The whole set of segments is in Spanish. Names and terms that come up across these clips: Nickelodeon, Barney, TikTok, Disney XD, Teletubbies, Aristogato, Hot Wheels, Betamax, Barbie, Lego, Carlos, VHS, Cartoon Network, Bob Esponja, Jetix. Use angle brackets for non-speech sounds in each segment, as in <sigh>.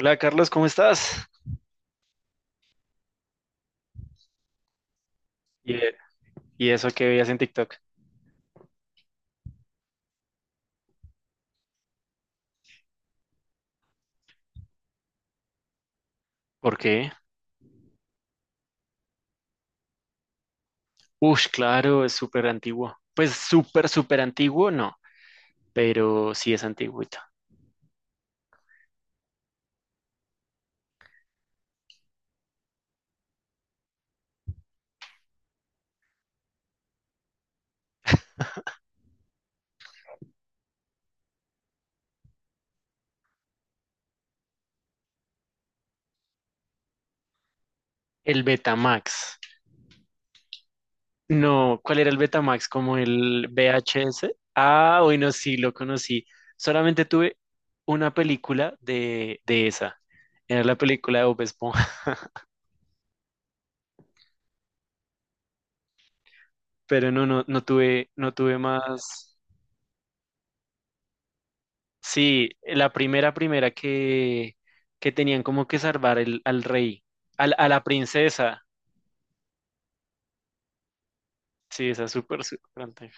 Hola Carlos, ¿cómo estás? ¿Y, e- y eso que veías en TikTok? ¿Por qué? Ush, claro, es súper antiguo. Pues súper, súper antiguo, no, pero sí es antiguito. El Betamax. No, ¿cuál era el Betamax? ¿Como el VHS? Ah, bueno, sí, lo conocí. Solamente tuve una película de esa. Era la película de Bob Esponja, <laughs> pero no tuve más. Sí, la primera que tenían como que salvar al rey, a la princesa. Sí, esa es súper, súper antigua.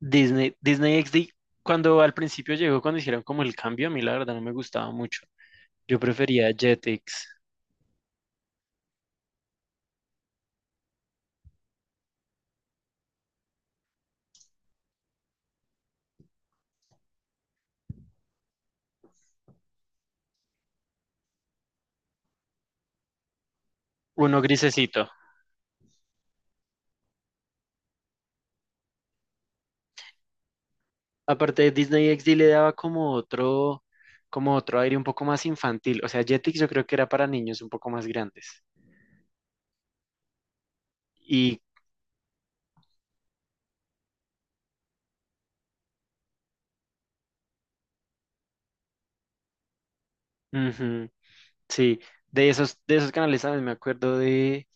Disney XD, cuando al principio llegó, cuando hicieron como el cambio, a mí la verdad no me gustaba mucho. Yo prefería Jetix, uno grisecito. Aparte de Disney XD le daba como otro aire un poco más infantil. O sea, Jetix yo creo que era para niños un poco más grandes. Y, ujú, sí, de esos canales, también me acuerdo de.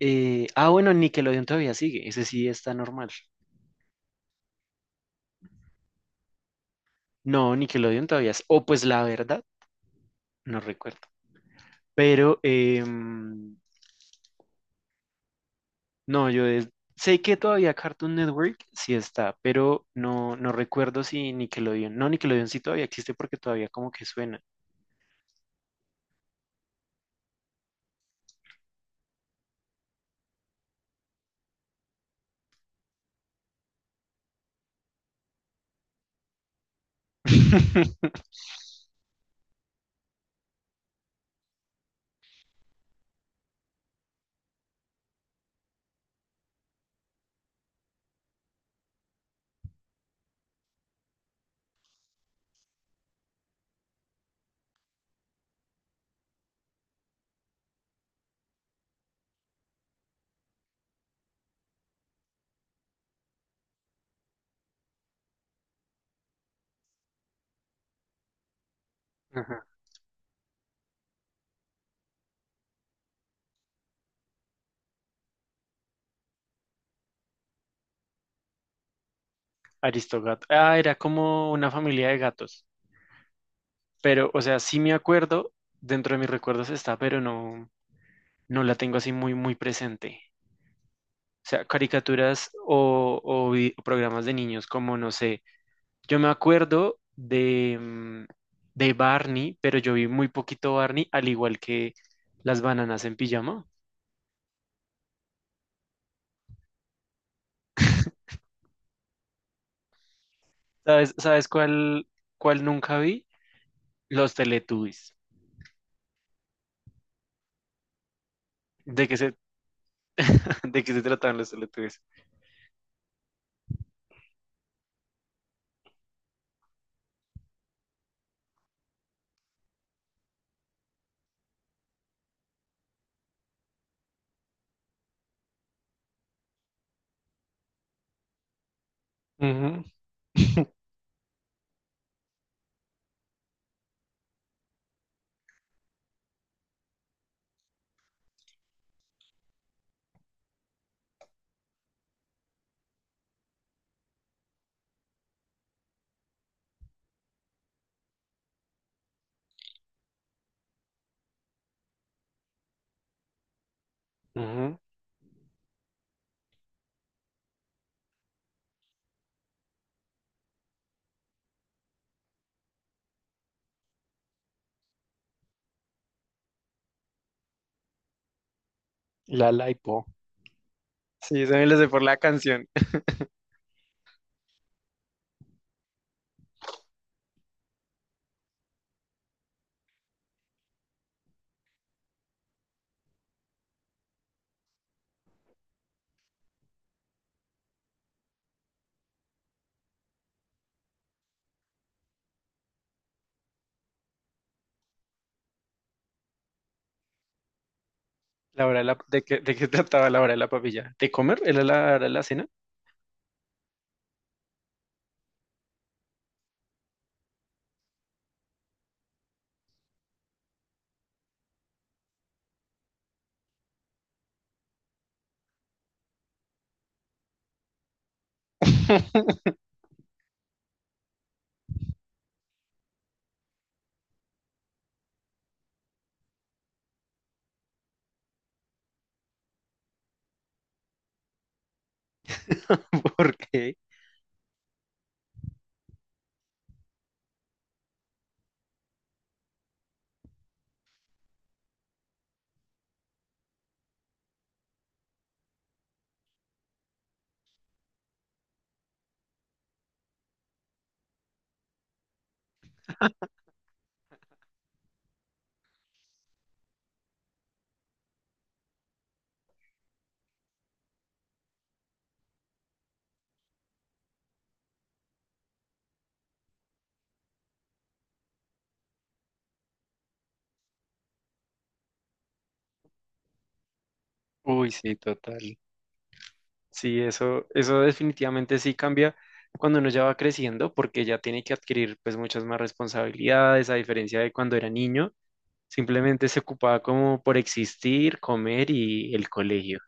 Ah, bueno, Nickelodeon todavía sigue, ese sí está normal. No, Nickelodeon todavía es. O pues la verdad, no recuerdo. Pero no, yo sé que todavía Cartoon Network sí está, pero no, no recuerdo si Nickelodeon. No, Nickelodeon sí todavía existe porque todavía como que suena. <laughs> Ajá. Aristogato. Ah, era como una familia de gatos. Pero, o sea, sí me acuerdo, dentro de mis recuerdos está, pero no, no la tengo así muy, muy presente. O sea, caricaturas o programas de niños como, no sé, yo me acuerdo de Barney, pero yo vi muy poquito Barney, al igual que las bananas en pijama. ¿Sabes cuál nunca vi? Los Teletubbies. ¿De qué se, <laughs> ¿De qué se trataban los Teletubbies? Ujú, ujú. La Laipo. Sí, se me lo sé por la canción. La hora de, la, de, qué, ¿De qué trataba la hora de la papilla? ¿De comer? ¿Era la hora de la cena? <laughs> ¿Por qué? Uy, sí, total. Sí, eso definitivamente sí cambia cuando uno ya va creciendo, porque ya tiene que adquirir pues muchas más responsabilidades, a diferencia de cuando era niño, simplemente se ocupaba como por existir, comer y el colegio.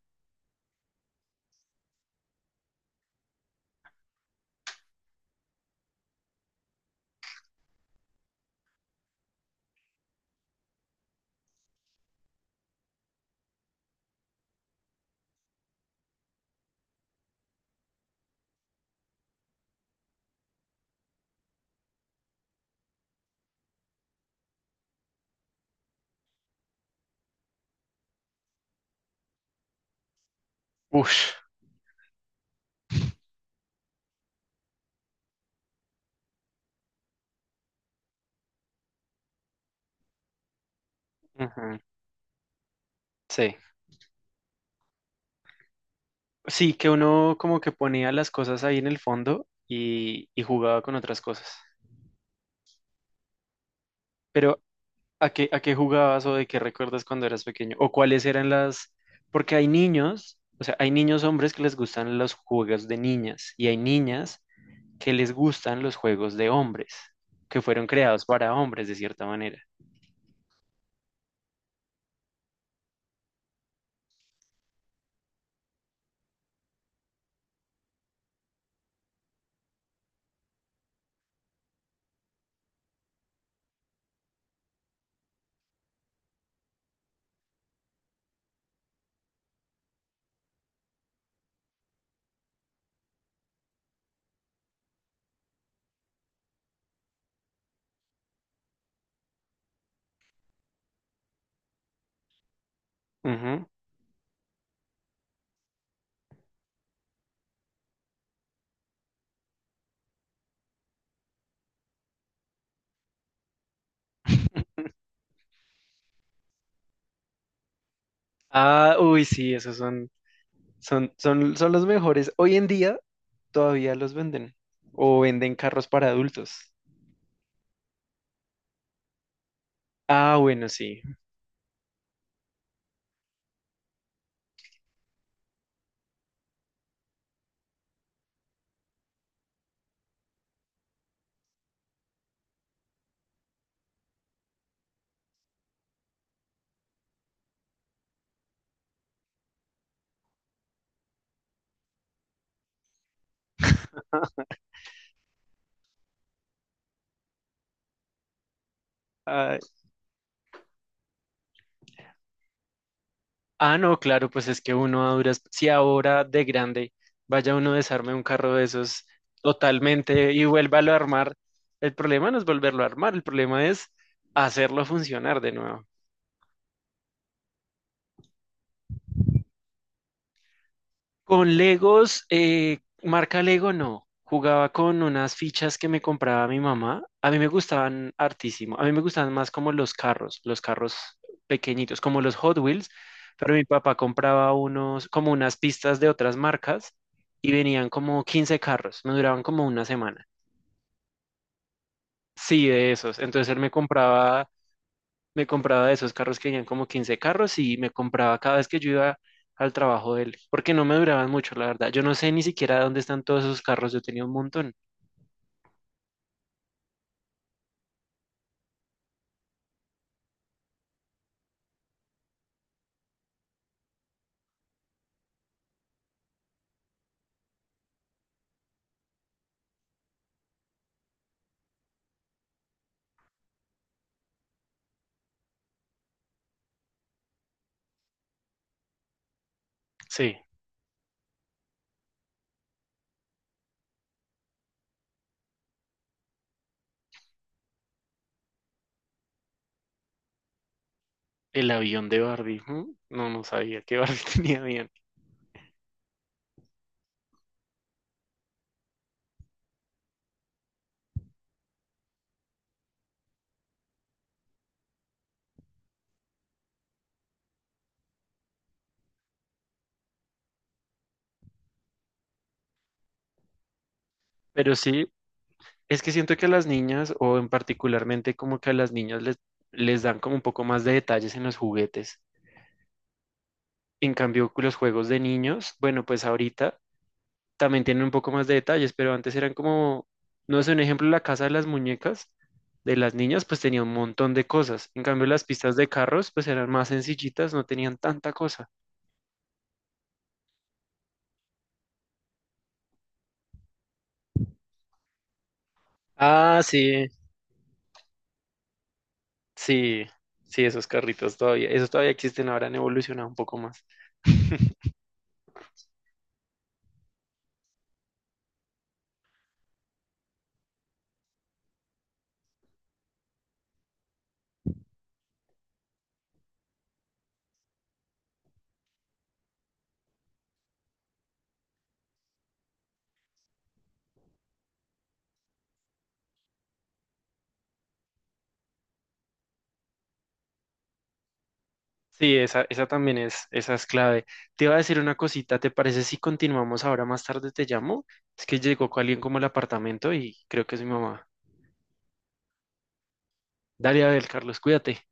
Ush, ujú, sí. Sí, que uno como que ponía las cosas ahí en el fondo y jugaba con otras cosas. Pero a qué jugabas o de qué recuerdas cuando eras pequeño? ¿O cuáles eran las? Porque hay niños, o sea, hay niños hombres que les gustan los juegos de niñas y hay niñas que les gustan los juegos de hombres, que fueron creados para hombres de cierta manera. Ujú. Ah, uy, sí, esos son los mejores. Hoy en día todavía los venden o venden carros para adultos. Ah, bueno, sí. Ah, Ah, no, claro, pues es que uno a duras, si ahora de grande vaya uno a desarme un carro de esos totalmente y vuélvalo a armar, el problema no es volverlo a armar, el problema es hacerlo funcionar de nuevo. Con Legos, marca Lego no. Jugaba con unas fichas que me compraba mi mamá. A mí me gustaban hartísimo. A mí me gustaban más como los carros pequeñitos, como los Hot Wheels. Pero mi papá compraba unos, como unas pistas de otras marcas y venían como 15 carros. Me duraban como una semana. Sí, de esos. Entonces él me compraba de esos carros que tenían como 15 carros y me compraba cada vez que yo iba al trabajo de él, porque no me duraban mucho, la verdad. Yo no sé ni siquiera dónde están todos esos carros, yo tenía un montón. Sí, el avión de Barbie. ¿Hmm? No, no sabía que Barbie <laughs> tenía avión. Pero sí, es que siento que a las niñas, o en particularmente como que a las niñas les dan como un poco más de detalles en los juguetes. En cambio, con los juegos de niños, bueno, pues ahorita también tienen un poco más de detalles, pero antes eran como, no sé, un ejemplo, la casa de las muñecas de las niñas, pues tenía un montón de cosas. En cambio, las pistas de carros, pues eran más sencillitas, no tenían tanta cosa. Ah, sí, sí, sí, esos carritos todavía, esos todavía existen, ahora han evolucionado un poco más. Sí, esa también esa es clave. Te iba a decir una cosita, ¿te parece si continuamos ahora más tarde? Te llamo. Es que llegó alguien como al apartamento y creo que es mi mamá. Dale, a ver, Carlos, cuídate.